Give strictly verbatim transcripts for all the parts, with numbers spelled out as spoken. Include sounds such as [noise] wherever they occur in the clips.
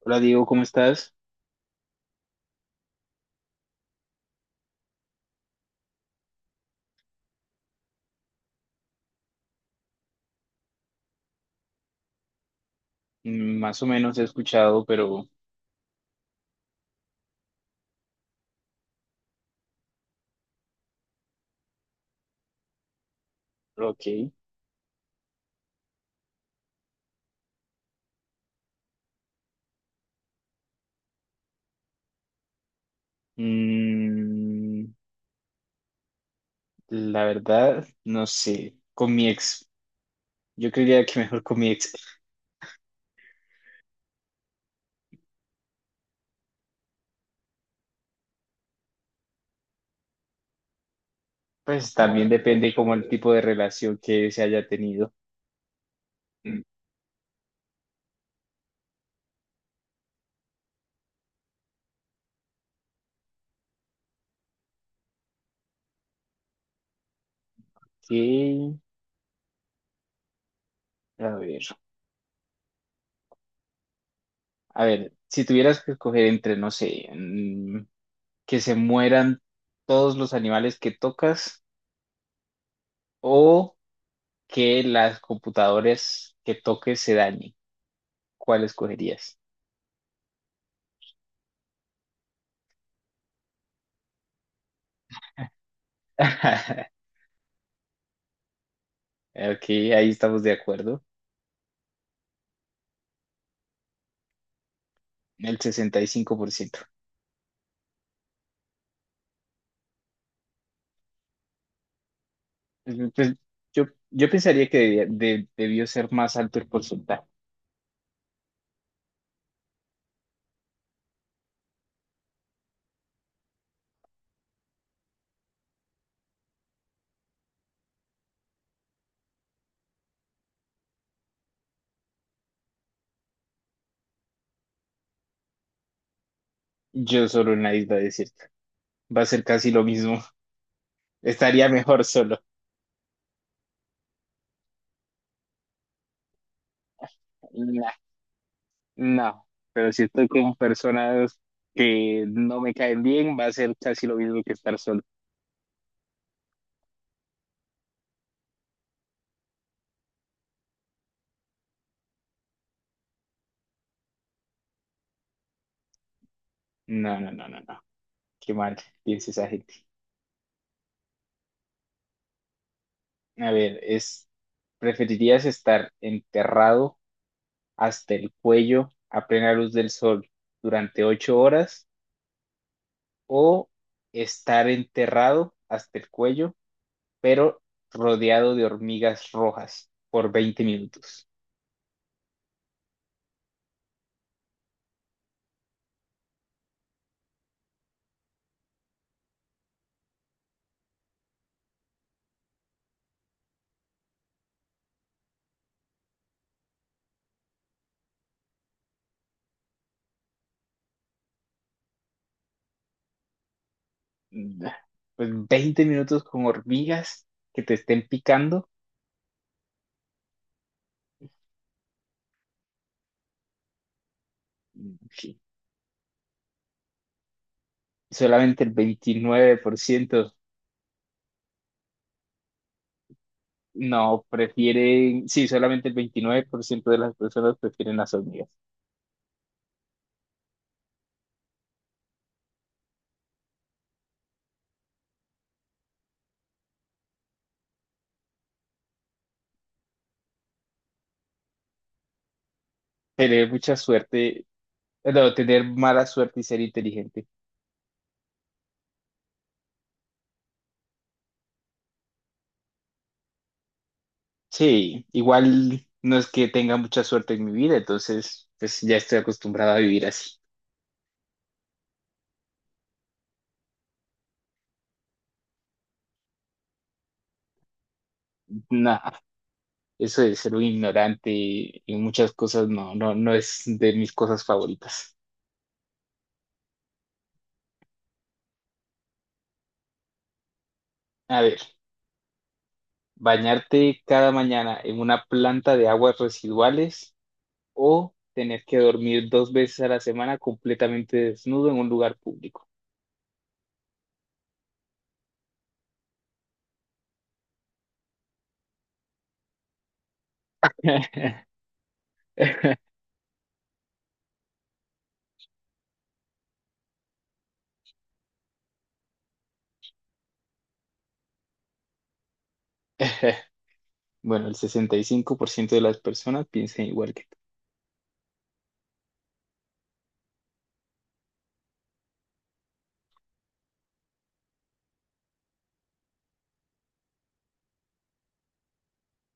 Hola Diego, ¿cómo estás? Mm, Más o menos he escuchado, pero pero ok. Mm, la verdad, no sé. Con mi ex, yo creería que mejor con mi ex. [laughs] Pues también depende como el tipo de relación que se haya tenido. Ok, a ver. A ver, si tuvieras que escoger entre, no sé, mm, que se mueran todos los animales que tocas o que las computadoras que toques se dañen, ¿cuál escogerías? [laughs] Ok, ahí estamos de acuerdo. El sesenta y cinco por ciento. Pues, pues, yo, yo pensaría que debía- de- debió ser más alto el porcentaje. Yo solo en la isla desierta. Va a ser casi lo mismo. [laughs] Estaría mejor solo. Nah, no, pero si estoy con personas que no me caen bien, va a ser casi lo mismo que estar solo. No, no, no, no, no. Qué mal piensa esa gente. A ver, es, ¿preferirías estar enterrado hasta el cuello a plena luz del sol durante ocho horas, o estar enterrado hasta el cuello, pero rodeado de hormigas rojas por veinte minutos? Pues veinte minutos con hormigas que te estén picando, sí, solamente el veintinueve por ciento. No, prefieren, sí, solamente el veintinueve por ciento de las personas prefieren las hormigas. Tener mucha suerte, no, tener mala suerte y ser inteligente. Sí, igual no es que tenga mucha suerte en mi vida, entonces pues ya estoy acostumbrado a vivir así. Nada, eso de ser un ignorante en muchas cosas no, no, no es de mis cosas favoritas. A ver, bañarte cada mañana en una planta de aguas residuales o tener que dormir dos veces a la semana completamente desnudo en un lugar público. [laughs] Bueno, el sesenta y cinco por ciento de las personas piensan igual que tú.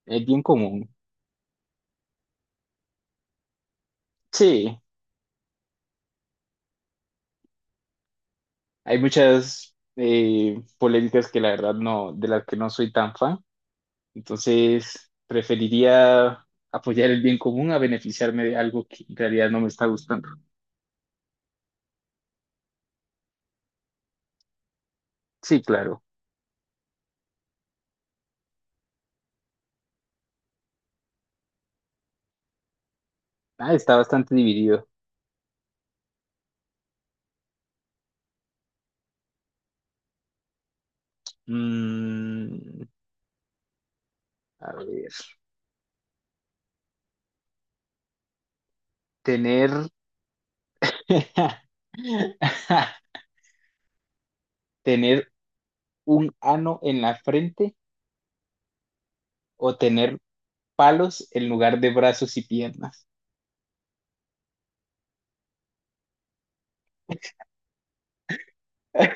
Es bien común. Sí. Hay muchas eh, polémicas que la verdad no, de las que no soy tan fan. Entonces, preferiría apoyar el bien común a beneficiarme de algo que en realidad no me está gustando. Sí, claro. Ah, está bastante dividido. Mm, a ver, tener, [laughs] tener un ano en la frente o tener palos en lugar de brazos y piernas.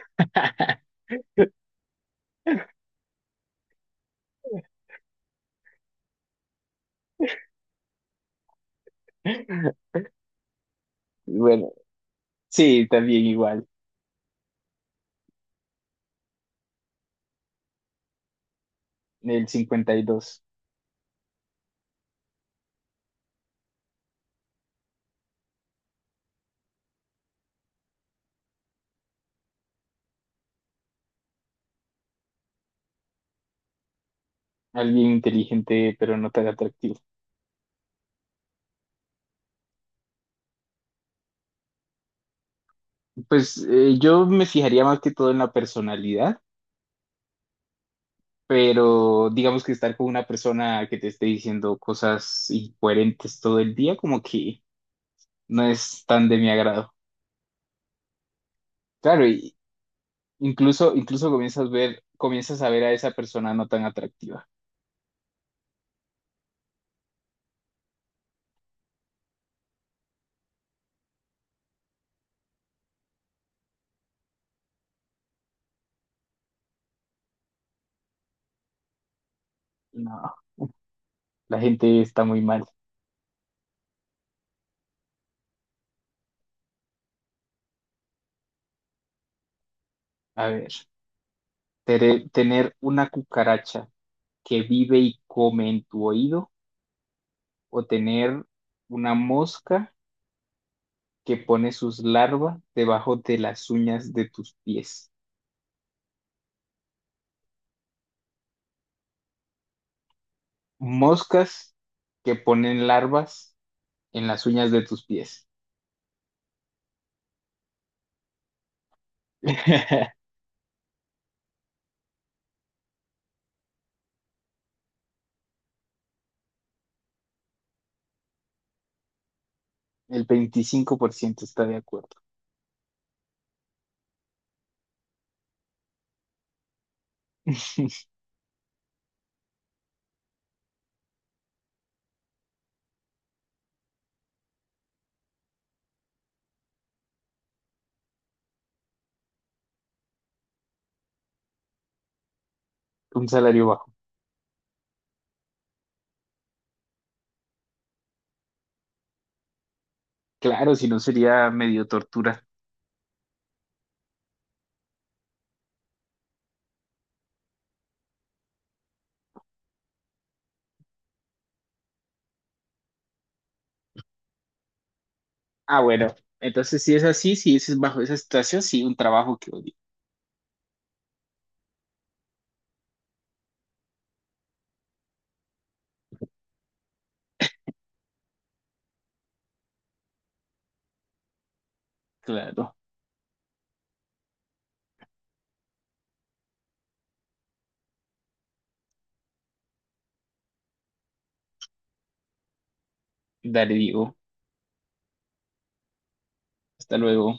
[laughs] Bueno, sí, también igual. El cincuenta y dos. Alguien inteligente, pero no tan atractivo. Pues eh, yo me fijaría más que todo en la personalidad, pero digamos que estar con una persona que te esté diciendo cosas incoherentes todo el día, como que no es tan de mi agrado. Claro, y incluso, incluso comienzas ver, comienzas a ver a esa persona no tan atractiva. No, la gente está muy mal. A ver, tere- tener una cucaracha que vive y come en tu oído o tener una mosca que pone sus larvas debajo de las uñas de tus pies. Moscas que ponen larvas en las uñas de tus pies. [laughs] El veinticinco por ciento está de acuerdo. [laughs] Un salario bajo. Claro, si no sería medio tortura. Ah, bueno, entonces si es así, si es bajo esa situación, sí, un trabajo que odio. Claro. Dale, digo. Hasta luego.